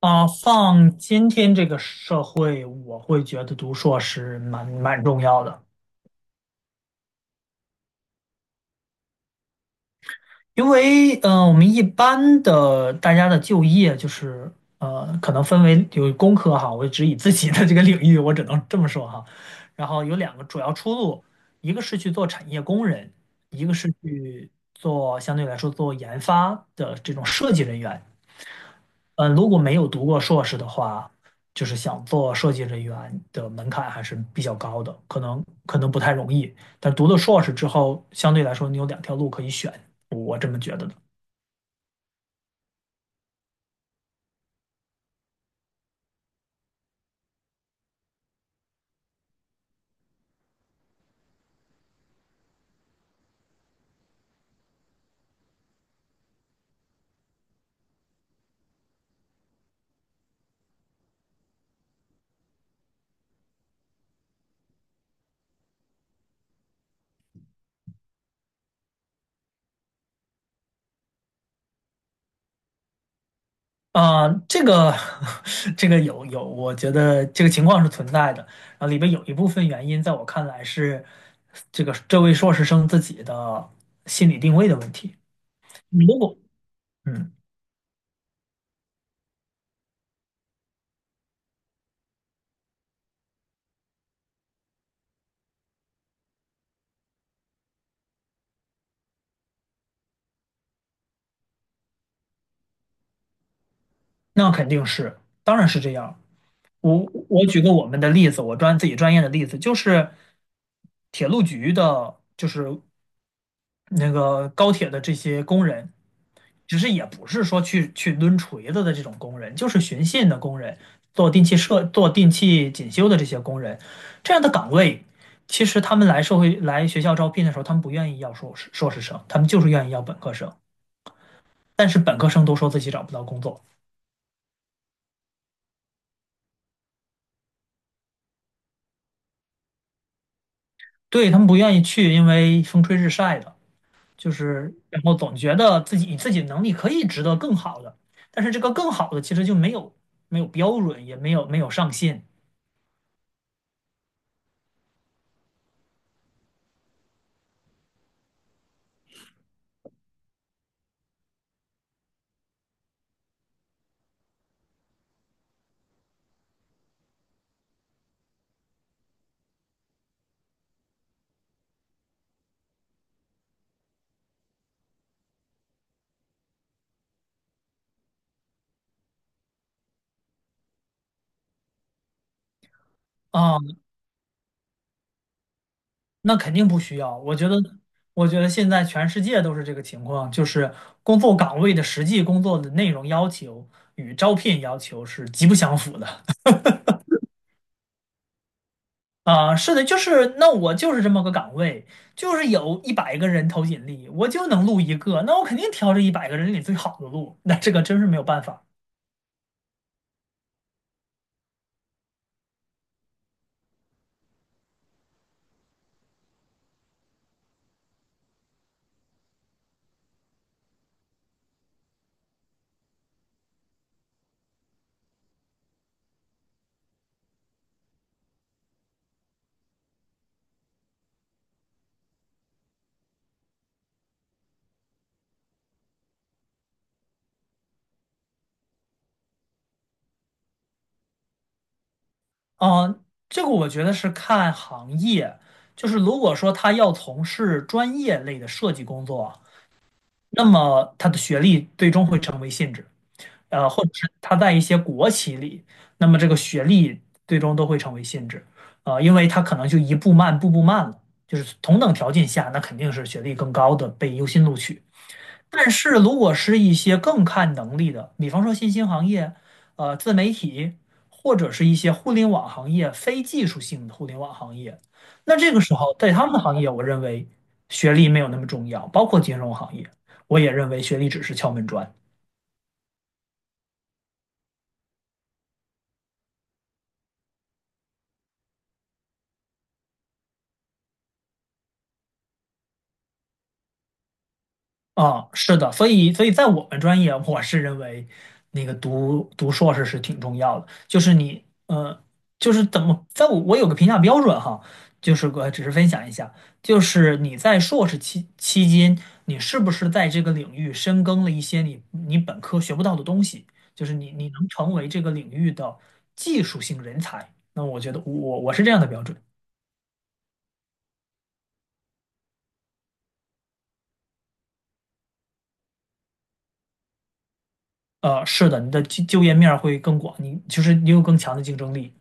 啊，放今天这个社会，我会觉得读硕士蛮重要的。因为我们一般的大家的就业就是可能分为有工科哈，我只以自己的这个领域，我只能这么说哈。然后有两个主要出路，一个是去做产业工人，一个是去做相对来说做研发的这种设计人员。嗯，如果没有读过硕士的话，就是想做设计人员的门槛还是比较高的，可能不太容易。但读了硕士之后，相对来说你有两条路可以选，我这么觉得的。啊、这个 这个有，我觉得这个情况是存在的。然后里边有一部分原因，在我看来是这个这位硕士生自己的心理定位的问题。如果嗯，那肯定是，当然是这样。我我举个我们的例子，我专自己专业的例子，就是铁路局的，就是那个高铁的这些工人，其实也不是说去抡锤子的这种工人，就是巡线的工人，做定期设做定期检修的这些工人，这样的岗位，其实他们来社会来学校招聘的时候，他们不愿意要硕士生，他们就是愿意要本科生，但是本科生都说自己找不到工作。对，他们不愿意去，因为风吹日晒的。就是然后总觉得自己以自己的能力可以值得更好的，但是这个更好的其实就没有标准，也没有上限。啊，那肯定不需要。我觉得，我觉得现在全世界都是这个情况，就是工作岗位的实际工作的内容要求与招聘要求是极不相符的。啊，是的，就是那我就是这么个岗位，就是有一百个人投简历，我就能录一个，那我肯定挑这一百个人里最好的录，那这个真是没有办法。嗯，这个我觉得是看行业，就是如果说他要从事专业类的设计工作，那么他的学历最终会成为限制。或者是他在一些国企里，那么这个学历最终都会成为限制。因为他可能就一步慢，步步慢了，就是同等条件下，那肯定是学历更高的被优先录取。但是如果是一些更看能力的，比方说新兴行业、自媒体，或者是一些互联网行业、非技术性的互联网行业，那这个时候在他们的行业，我认为学历没有那么重要，包括金融行业，我也认为学历只是敲门砖。啊，是的，所以在我们专业，我是认为那个读硕士是挺重要的，就是你,就是怎么，在我有个评价标准哈，就是我只是分享一下，就是你在硕士期间，你是不是在这个领域深耕了一些你本科学不到的东西，就是你能成为这个领域的技术性人才，那我觉得我是这样的标准。是的，你的就业面儿会更广，你就是你有更强的竞争力。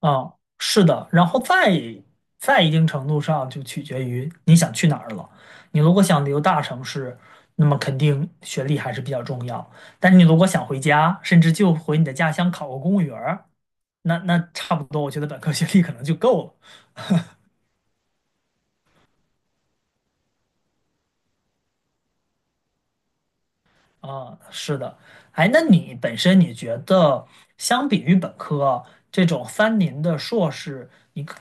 啊，是的，然后再在一定程度上就取决于你想去哪儿了。你如果想留大城市，那么肯定学历还是比较重要。但你如果想回家，甚至就回你的家乡考个公务员儿，那那差不多，我觉得本科学历可能就够了。啊，是的。哎，那你本身你觉得，相比于本科这种三年的硕士，你更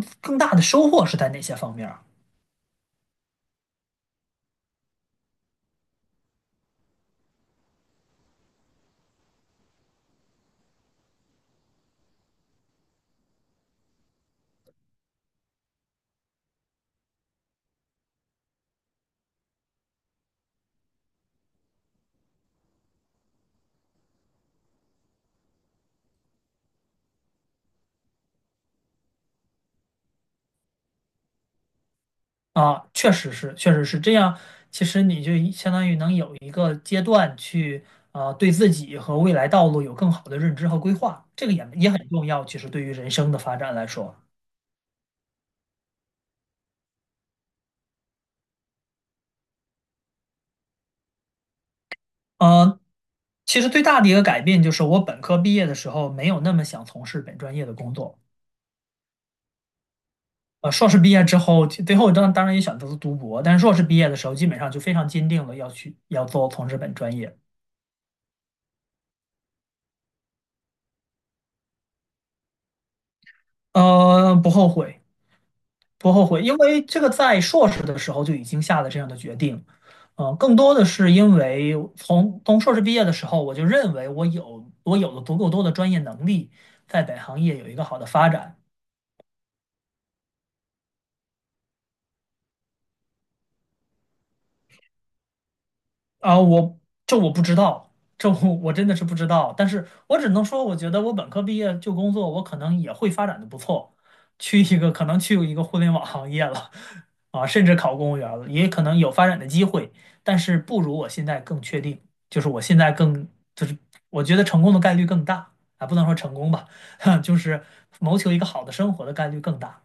更更大的收获是在哪些方面儿？啊，确实是，确实是这样。其实你就一相当于能有一个阶段去，对自己和未来道路有更好的认知和规划，这个也也很重要。其实对于人生的发展来说，呃，其实最大的一个改变就是我本科毕业的时候没有那么想从事本专业的工作。硕士毕业之后，其最后当当然也选择了读博，但是硕士毕业的时候基本上就非常坚定了要去要做从事本专业。不后悔。不后悔，因为这个在硕士的时候就已经下了这样的决定。嗯、更多的是因为从硕士毕业的时候，我就认为我有了足够多的专业能力，在本行业有一个好的发展。啊，我这我不知道，这我真的是不知道。但是我只能说，我觉得我本科毕业就工作，我可能也会发展的不错，去一个可能去一个互联网行业了，啊，甚至考公务员了，也可能有发展的机会。但是不如我现在更确定，就是我现在更就是我觉得成功的概率更大。啊，不能说成功吧，就是谋求一个好的生活的概率更大。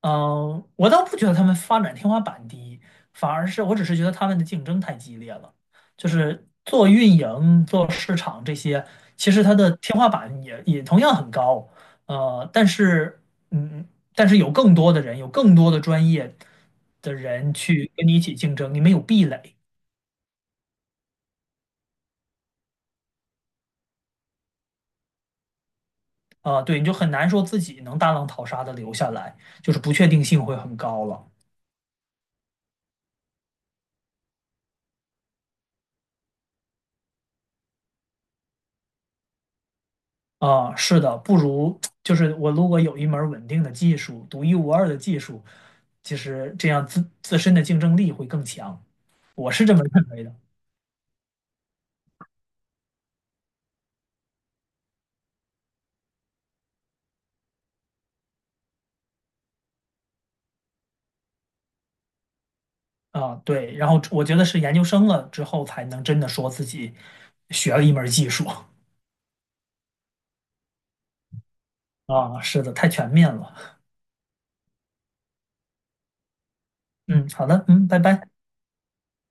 嗯，我倒不觉得他们发展天花板低，反而是我只是觉得他们的竞争太激烈了。就是做运营、做市场这些，其实它的天花板也同样很高。但是,嗯，但是有更多的人，有更多的专业的人去跟你一起竞争，你没有壁垒。啊，对，你就很难说自己能大浪淘沙的留下来，就是不确定性会很高了。啊，是的，不如就是我如果有一门儿稳定的技术，独一无二的技术，其实这样自身的竞争力会更强，我是这么认为的。啊，对，然后我觉得是研究生了之后才能真的说自己学了一门儿技术。啊，是的，太全面了。嗯，好的，嗯，拜拜。